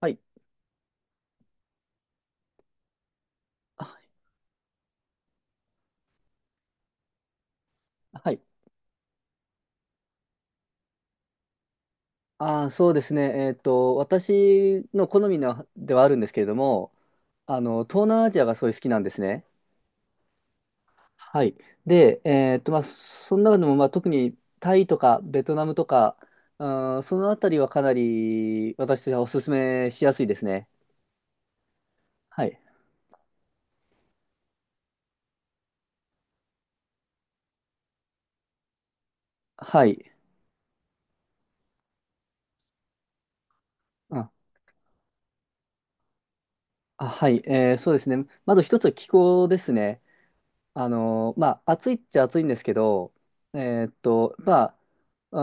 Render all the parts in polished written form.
はい。あはい。そうですね。私の好みのではあるんですけれども、東南アジアがすごい好きなんですね。はい。で、まあ、その中でも、まあ、特にタイとかベトナムとか、そのあたりはかなり私としてはおすすめしやすいですね。はい。はい。あ、はい。そうですね。まず一つは気候ですね。まあ、暑いっちゃ暑いんですけど、えーっと、まあ、う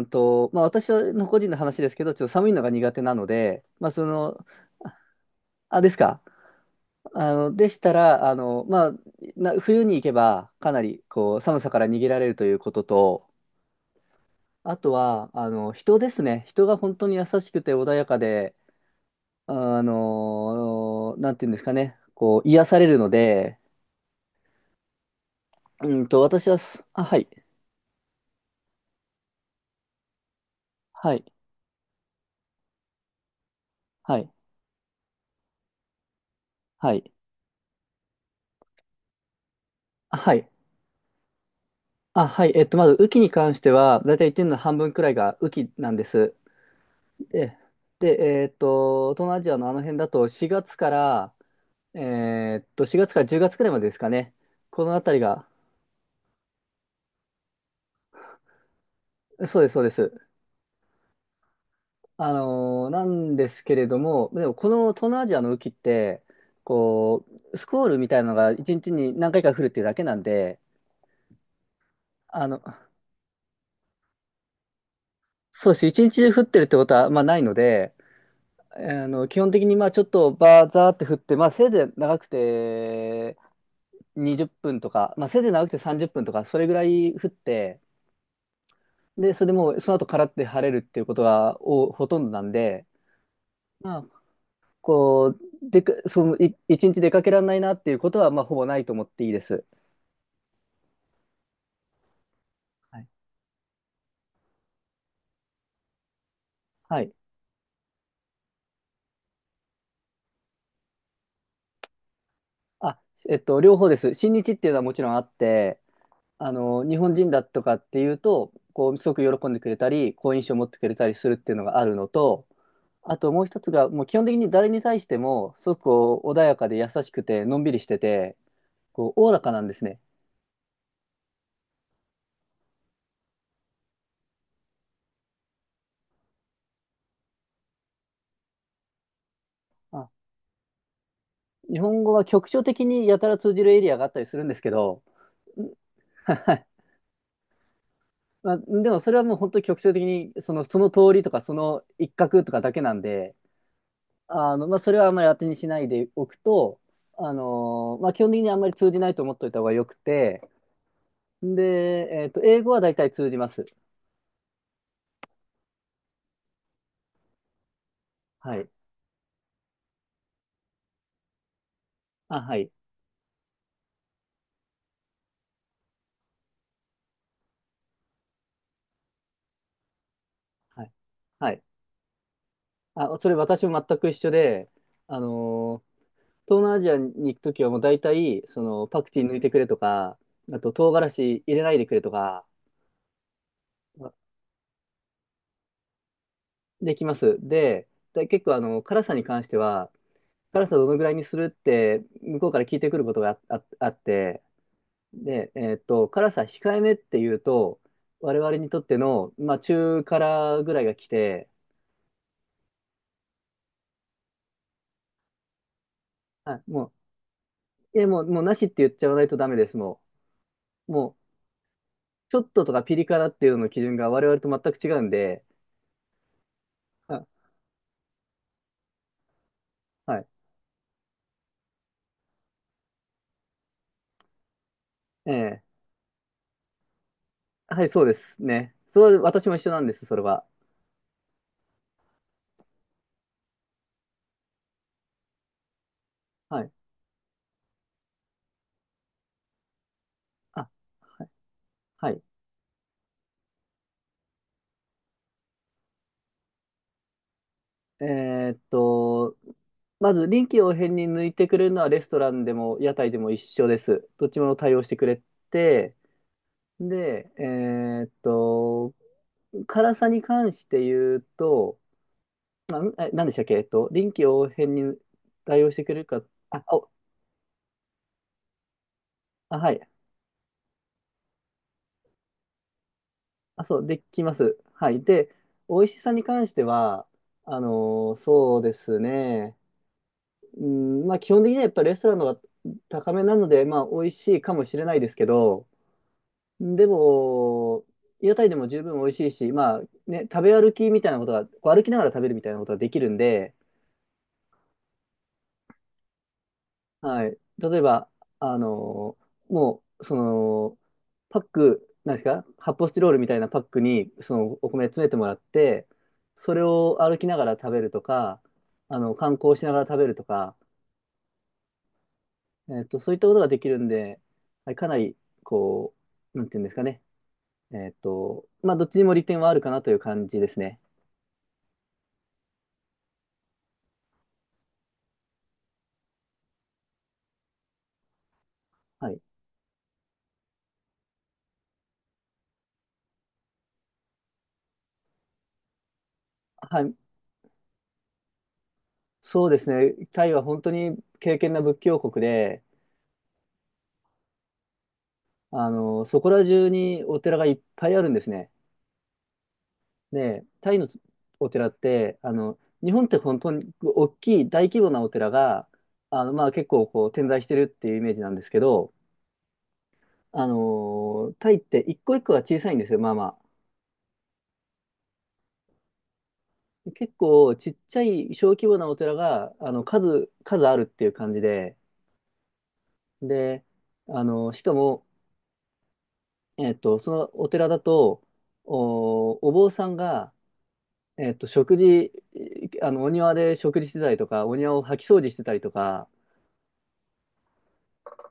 ーんと、まあ、私の個人の話ですけど、ちょっと寒いのが苦手なので、まあ、その、あ、ですか。でしたら、まあ、冬に行けば、かなり、こう、寒さから逃げられるということと、あとは、人ですね。人が本当に優しくて穏やかで、なんていうんですかね、こう、癒されるので、うんと、私はす、あ、はい、はい、はい、はい。あはい。あ、はい。まず、雨季に関しては、だいたい1年の半分くらいが雨季なんです。で、で、東南アジアのあの辺だと、4月から、4月から10月くらいまでですかね。このあたりが、そうです、そうです。なんですけれども、でも、この東南アジアの雨季って、こう、スコールみたいなのが1日にちに何回か降るっていうだけなんで、あの、そうです。1日中降ってるってことは、まあ、ないので、基本的にまあちょっとバーザーって振って、まあせいぜい長くて20分とか、まあせいぜい長くて30分とか、それぐらい降って、で、それでもうその後からって晴れるっていうことがおほとんどなんで、まあ、こう、でか、その、い、一日出かけられないなっていうことは、まあほぼないと思っていいです。はい。はい。あ、両方です。新日っていうのはもちろんあって、日本人だとかっていうと、こう、すごく喜んでくれたり、好印象を持ってくれたりするっていうのがあるのと、あともう一つが、もう基本的に誰に対しても、すごくこう穏やかで優しくて、のんびりしてて、こう、おおらかなんですね。あ、日本語は局所的にやたら通じるエリアがあったりするんですけど、はい。まあ、でもそれはもう本当に局所的に、その、その通りとか、その一角とかだけなんで、まあ、それはあんまり当てにしないでおくと、まあ、基本的にあんまり通じないと思っておいた方がよくて、で、英語は大体通じます。はい。あ、はい。はい。はい。あ、それ私も全く一緒で、あのー東南アジアに行くときはもう大体、その、パクチー抜いてくれとか、あと唐辛子入れないでくれとか、できます。で、で結構辛さに関しては、辛さどのぐらいにするって、向こうから聞いてくることがあって、で、辛さ控えめっていうと、我々にとっての、まあ、中辛ぐらいが来て、はい、もう、いや、もう、もうなしって言っちゃわないとダメです、もう。もう、ちょっととかピリ辛っていうのの基準が我々と全く違うんで、あはい、ええはい、そうですね。それは私も一緒なんです、それは。はい。あ、はい。はい。えーっと、まず臨機応変に抜いてくれるのはレストランでも屋台でも一緒です。どっちも対応してくれて、で、ーっと、辛さに関して言うと、あ、んえ、何でしたっけ、臨機応変に対応してくれるか、あ、お、あ、はい。あ、そう、できます。はい。で、美味しさに関しては、あのそうですね。うん、まあ、基本的にはやっぱりレストランの方が高めなので、まあ、美味しいかもしれないですけど、でも、屋台でも十分美味しいし、まあ、ね、食べ歩きみたいなことが、こう歩きながら食べるみたいなことができるんで、はい。例えば、あのもう、その、パック、なんですか、発泡スチロールみたいなパックに、その、お米詰めてもらって、それを歩きながら食べるとか、観光しながら食べるとか、そういったことができるんで、はい、かなり、こう、なんていうんですかね。まあ、どっちにも利点はあるかなという感じですね。はい。はい。そうですね。タイは本当に敬虔な仏教国で、そこら中にお寺がいっぱいあるんですね。で、タイのお寺って、日本って本当に大きい大規模なお寺が、まあ結構こう点在してるっていうイメージなんですけど、タイって一個一個が小さいんですよ、まあまあ。結構ちっちゃい小規模なお寺が、数あるっていう感じで、で、しかも、そのお寺だと、お坊さんが、食事、お庭で食事してたりとか、お庭を掃き掃除してたりとか、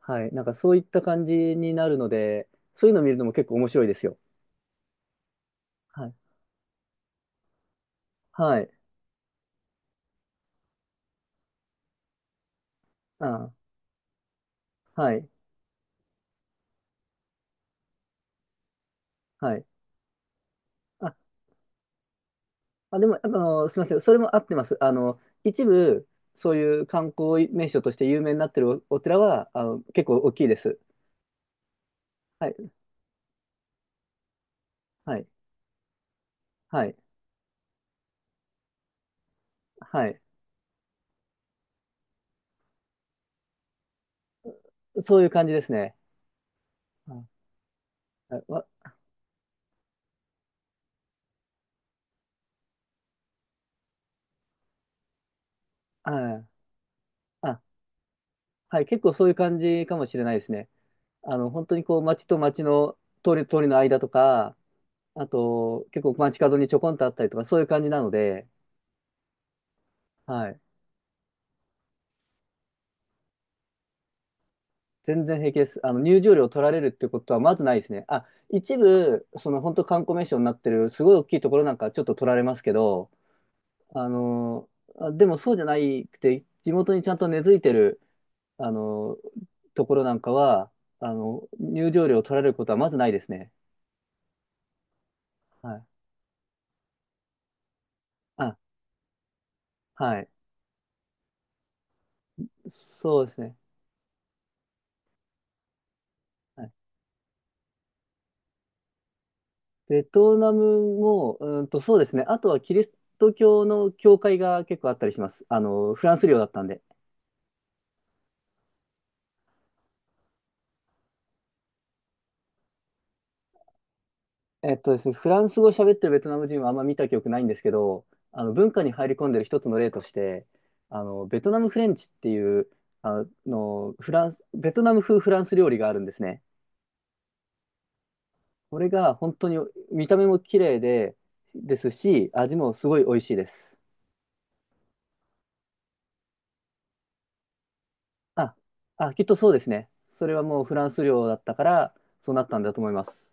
はい。なんかそういった感じになるので、そういうのを見るのも結構面白いですよ。はい。はい。あ、はい。はい。あ、でも、すみません。それも合ってます。一部、そういう観光名所として有名になってるお寺は、結構大きいです。はい。はい。はい。はい。そういう感じですね。あ、わあ、あ、はい。結構そういう感じかもしれないですね。本当にこう、町と町の通りの間とか、あと、結構街角にちょこんとあったりとか、そういう感じなので、はい。全然平気です。入場料取られるってことはまずないですね。あ、一部、その本当観光名所になってる、すごい大きいところなんかはちょっと取られますけど、あの、あ、でもそうじゃないくて、地元にちゃんと根付いてる、あの、ところなんかは、入場料取られることはまずないですね。はい。あ、はい。そうですね。はい。ベトナムも、そうですね。あとはキリスト教の教会が結構あったりします。フランス領だったんで。えっとですね、フランス語喋ってるベトナム人はあんま見た記憶ないんですけど、文化に入り込んでる一つの例として、ベトナムフレンチっていう、フランス、ベトナム風フランス料理があるんですね。これが本当に見た目も綺麗で、ですし、味もすごい美味しいです。あ、きっとそうですね。それはもうフランス領だったから、そうなったんだと思います。